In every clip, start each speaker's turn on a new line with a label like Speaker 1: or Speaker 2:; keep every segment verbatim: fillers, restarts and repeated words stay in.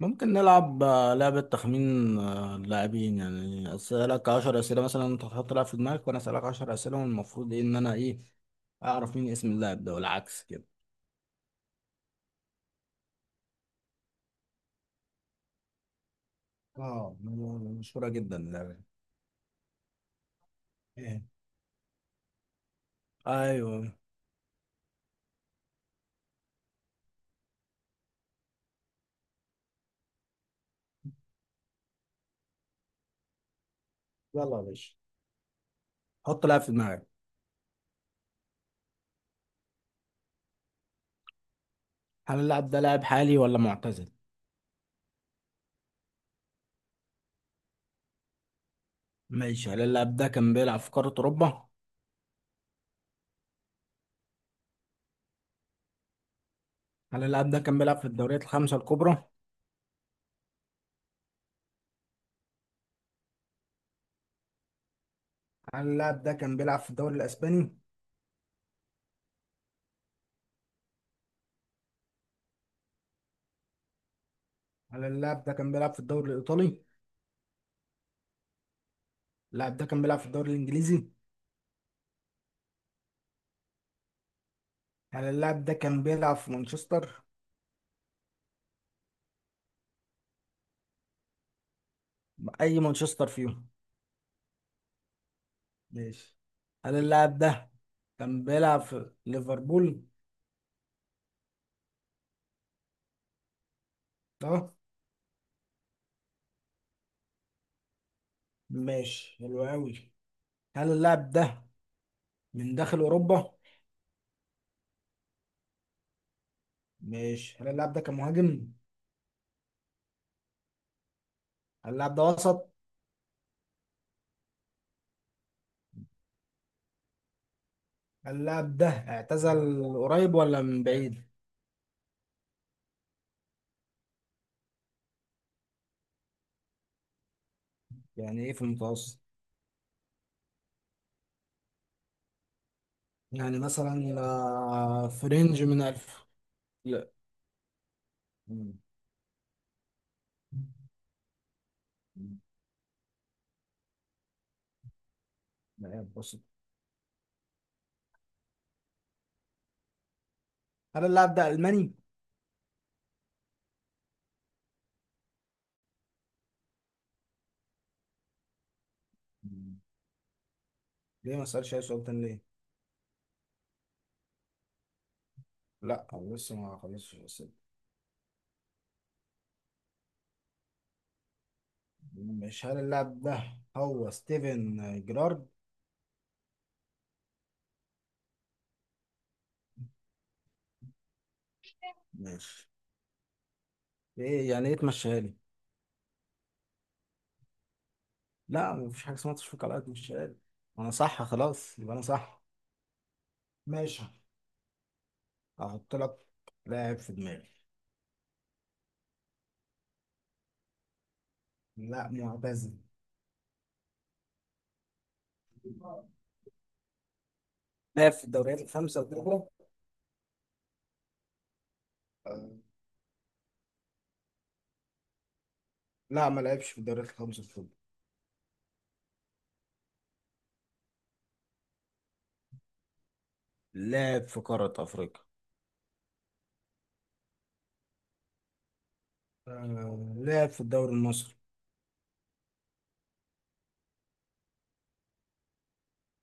Speaker 1: ممكن نلعب آه، لعبة تخمين، آه، اللاعبين. يعني أسألك عشر أسئلة مثلا. أنت تحط لاعب في دماغك وأنا أسألك عشر أسئلة، والمفروض إيه إن أنا إيه أعرف مين اسم اللاعب ده، والعكس كده. اه، مشهورة جدا اللعبة دي. إيه. أيوه. يلا يا باشا، حط لاعب في دماغك. هل اللاعب ده لاعب حالي ولا معتزل؟ ماشي. هل اللاعب ده كان بيلعب في قارة أوروبا؟ هل اللاعب ده كان بيلعب في الدوريات الخمسة الكبرى؟ هل اللاعب ده كان بيلعب في الدوري الأسباني؟ هل اللاعب ده كان بيلعب في الدوري الإيطالي؟ اللاعب ده كان بيلعب في الدوري الإنجليزي؟ هل اللاعب ده كان بيلعب في مانشستر؟ اي مانشستر فيهم. ماشي. هل اللاعب ده كان بيلعب في ليفربول؟ اه، ماشي، حلو قوي. هل اللاعب ده من داخل اوروبا؟ ماشي. هل اللاعب ده كان مهاجم؟ هل اللاعب ده وسط؟ هل اللاعب ده اعتزل قريب ولا من بعيد؟ يعني ايه في المتوسط؟ يعني مثلا آه، في رينج من ألف. لا. مم. لا بص. هل اللاعب ده الماني؟ مم. ليه ما اسالش اي سؤال تاني ليه؟ لا، هو لسه ما خلصش الست. مش هل اللاعب ده هو ستيفن جيرارد؟ ماشي. ايه يعني ايه تمشيها لي؟ لا مفيش حاجه اسمها تشفيق على الأرض، تمشيها لي. انا صح خلاص، يبقى انا صح. ماشي. هحط لك لاعب في دماغي. لا، معتزل. لاعب في الدوريات الخمسة الكبرى. لا، ما لعبش في الدوريات الخمسة الكبرى. لعب في قارة أفريقيا. آه، لعب في الدوري المصري.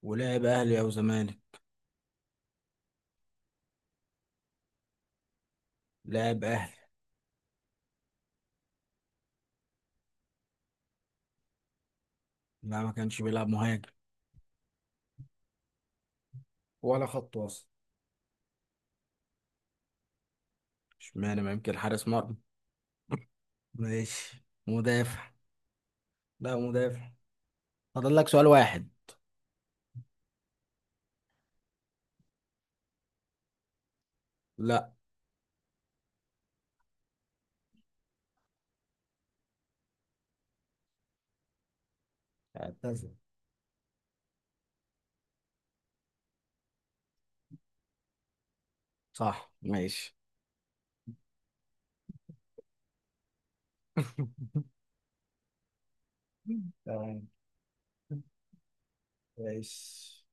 Speaker 1: ولعب أهلي أو زمالك. لعب أهلي. لا، ما كانش بيلعب مهاجم. ولا خط وسط. اشمعنى، ما يمكن حارس مرمى. ماشي، مدافع. لا، مدافع. فاضل لك سؤال واحد. لا، اعتزل، صح. ماشي. تمام. ماشي.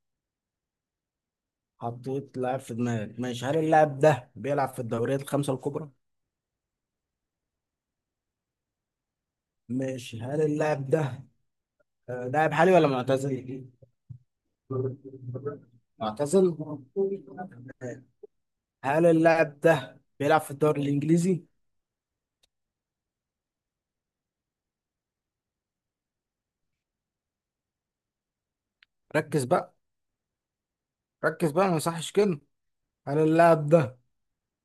Speaker 1: حطيت لاعب في دماغك. ماشي. هل اللاعب ده بيلعب في الدوريات الخمسة الكبرى؟ ماشي. هل اللاعب ده آه، لاعب حالي ولا معتزل؟ معتزل. هل اللاعب ده بيلعب في الدوري الإنجليزي؟ ركز بقى. ركز بقى، ما يصحش كده. هل اللاعب ده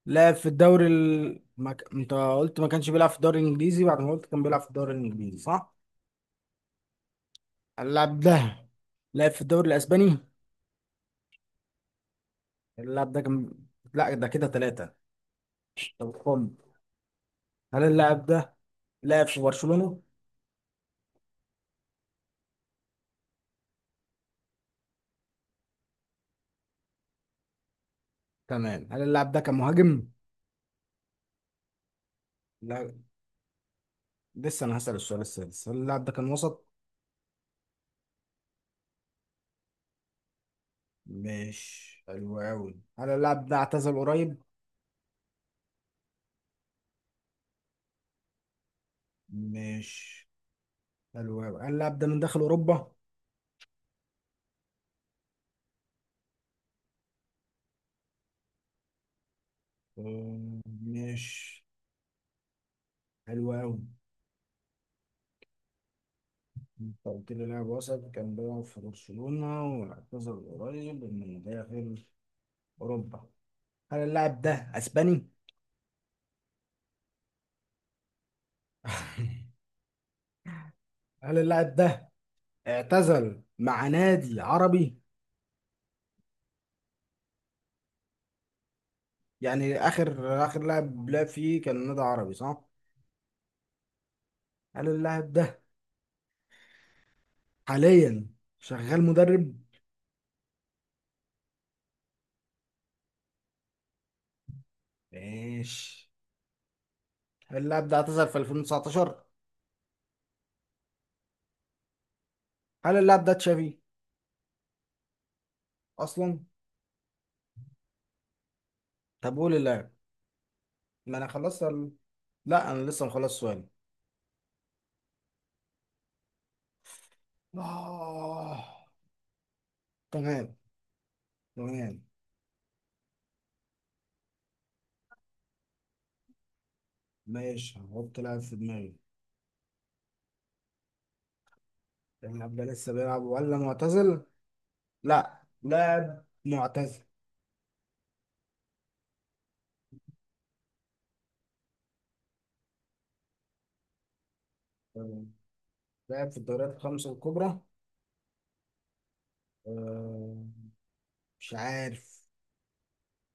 Speaker 1: لعب في الدوري ال... ما... ك- انت قلت ما كانش بيلعب في الدوري الانجليزي بعد ما قلت كان بيلعب في الدوري الانجليزي، صح؟ اللاعب ده لعب في الدوري الاسباني. اللاعب ده كان. لا، ده كده ثلاثة. طب خم هل اللاعب ده لعب في برشلونة؟ تمام. هل اللاعب ده كان مهاجم؟ لا. لسه انا هسأل السؤال السادس. هل اللاعب ده كان وسط؟ مش حلو قوي. هل اللاعب ده اعتزل قريب؟ مش حلو قوي. هل اللاعب ده من داخل اوروبا؟ أم، مش حلو قوي. انت قلت لي لاعب وسط كان بيلعب في برشلونة واعتزل قريب من داخل أوروبا. هل اللاعب ده أسباني؟ هل اللاعب ده اعتزل مع نادي عربي؟ يعني آخر آخر لاعب لعب فيه كان نادي عربي، صح؟ هل اللاعب ده حاليا شغال مدرب؟ ماشي. هل اللاعب ده اعتزل في ألفين وتسعتاشر؟ هل اللاعب ده تشافي أصلا؟ طب قول اللاعب. ما أنا خلصت ال- لا، أنا لسه مخلص سؤالي. آه. تمام. تمام. ماشي. هحط لاعب في دماغي. اللاعب ده لسه بيلعب ولا معتزل؟ لا، لاعب معتزل. تمام. لاعب في الدوريات الخمسة الكبرى؟ أه، مش عارف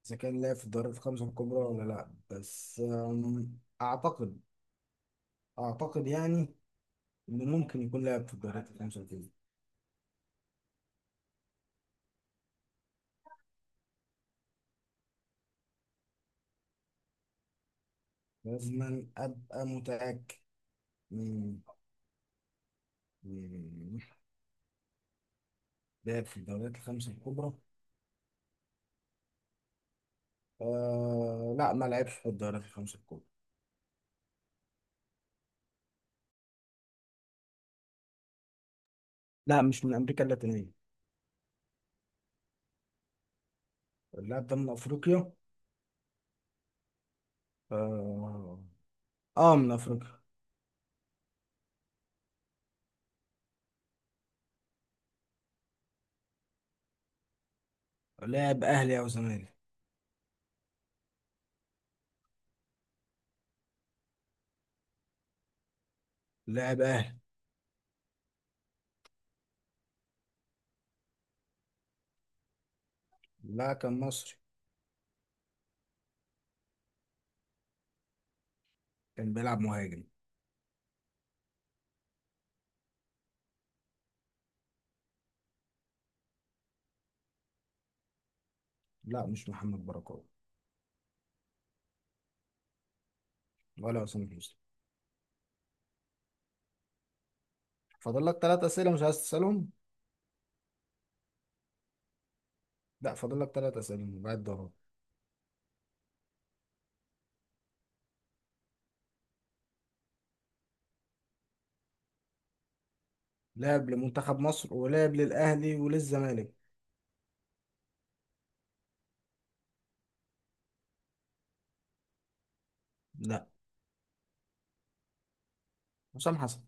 Speaker 1: إذا كان لاعب في الدوريات الخمسة الكبرى ولا لا، بس آم، أعتقد، أعتقد يعني إنه ممكن يكون لاعب في الدوريات الخمسة الكبرى. لازم أبقى متأكد. مم، مم، لاعب في الدوريات الخمسة الكبرى؟ أه، لا، ما لعبش في الدوريات الخمسة الكبرى. لا، مش من امريكا اللاتينيه. اللاعب ده من افريقيا. اه, آه من افريقيا. لاعب اهلي او زمالك. لاعب اهلي. لا، كان مصري. كان بيلعب مهاجم. لا، مش محمد بركات. ولا حسام حسني. فاضل لك ثلاث اسئله، مش عايز تسالهم. لا، فاضل لك ثلاث اسئله بعد ده. لاعب لمنتخب مصر ولاعب للاهلي وللزمالك. لا، حسام حسن.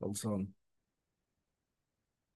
Speaker 1: خلصان.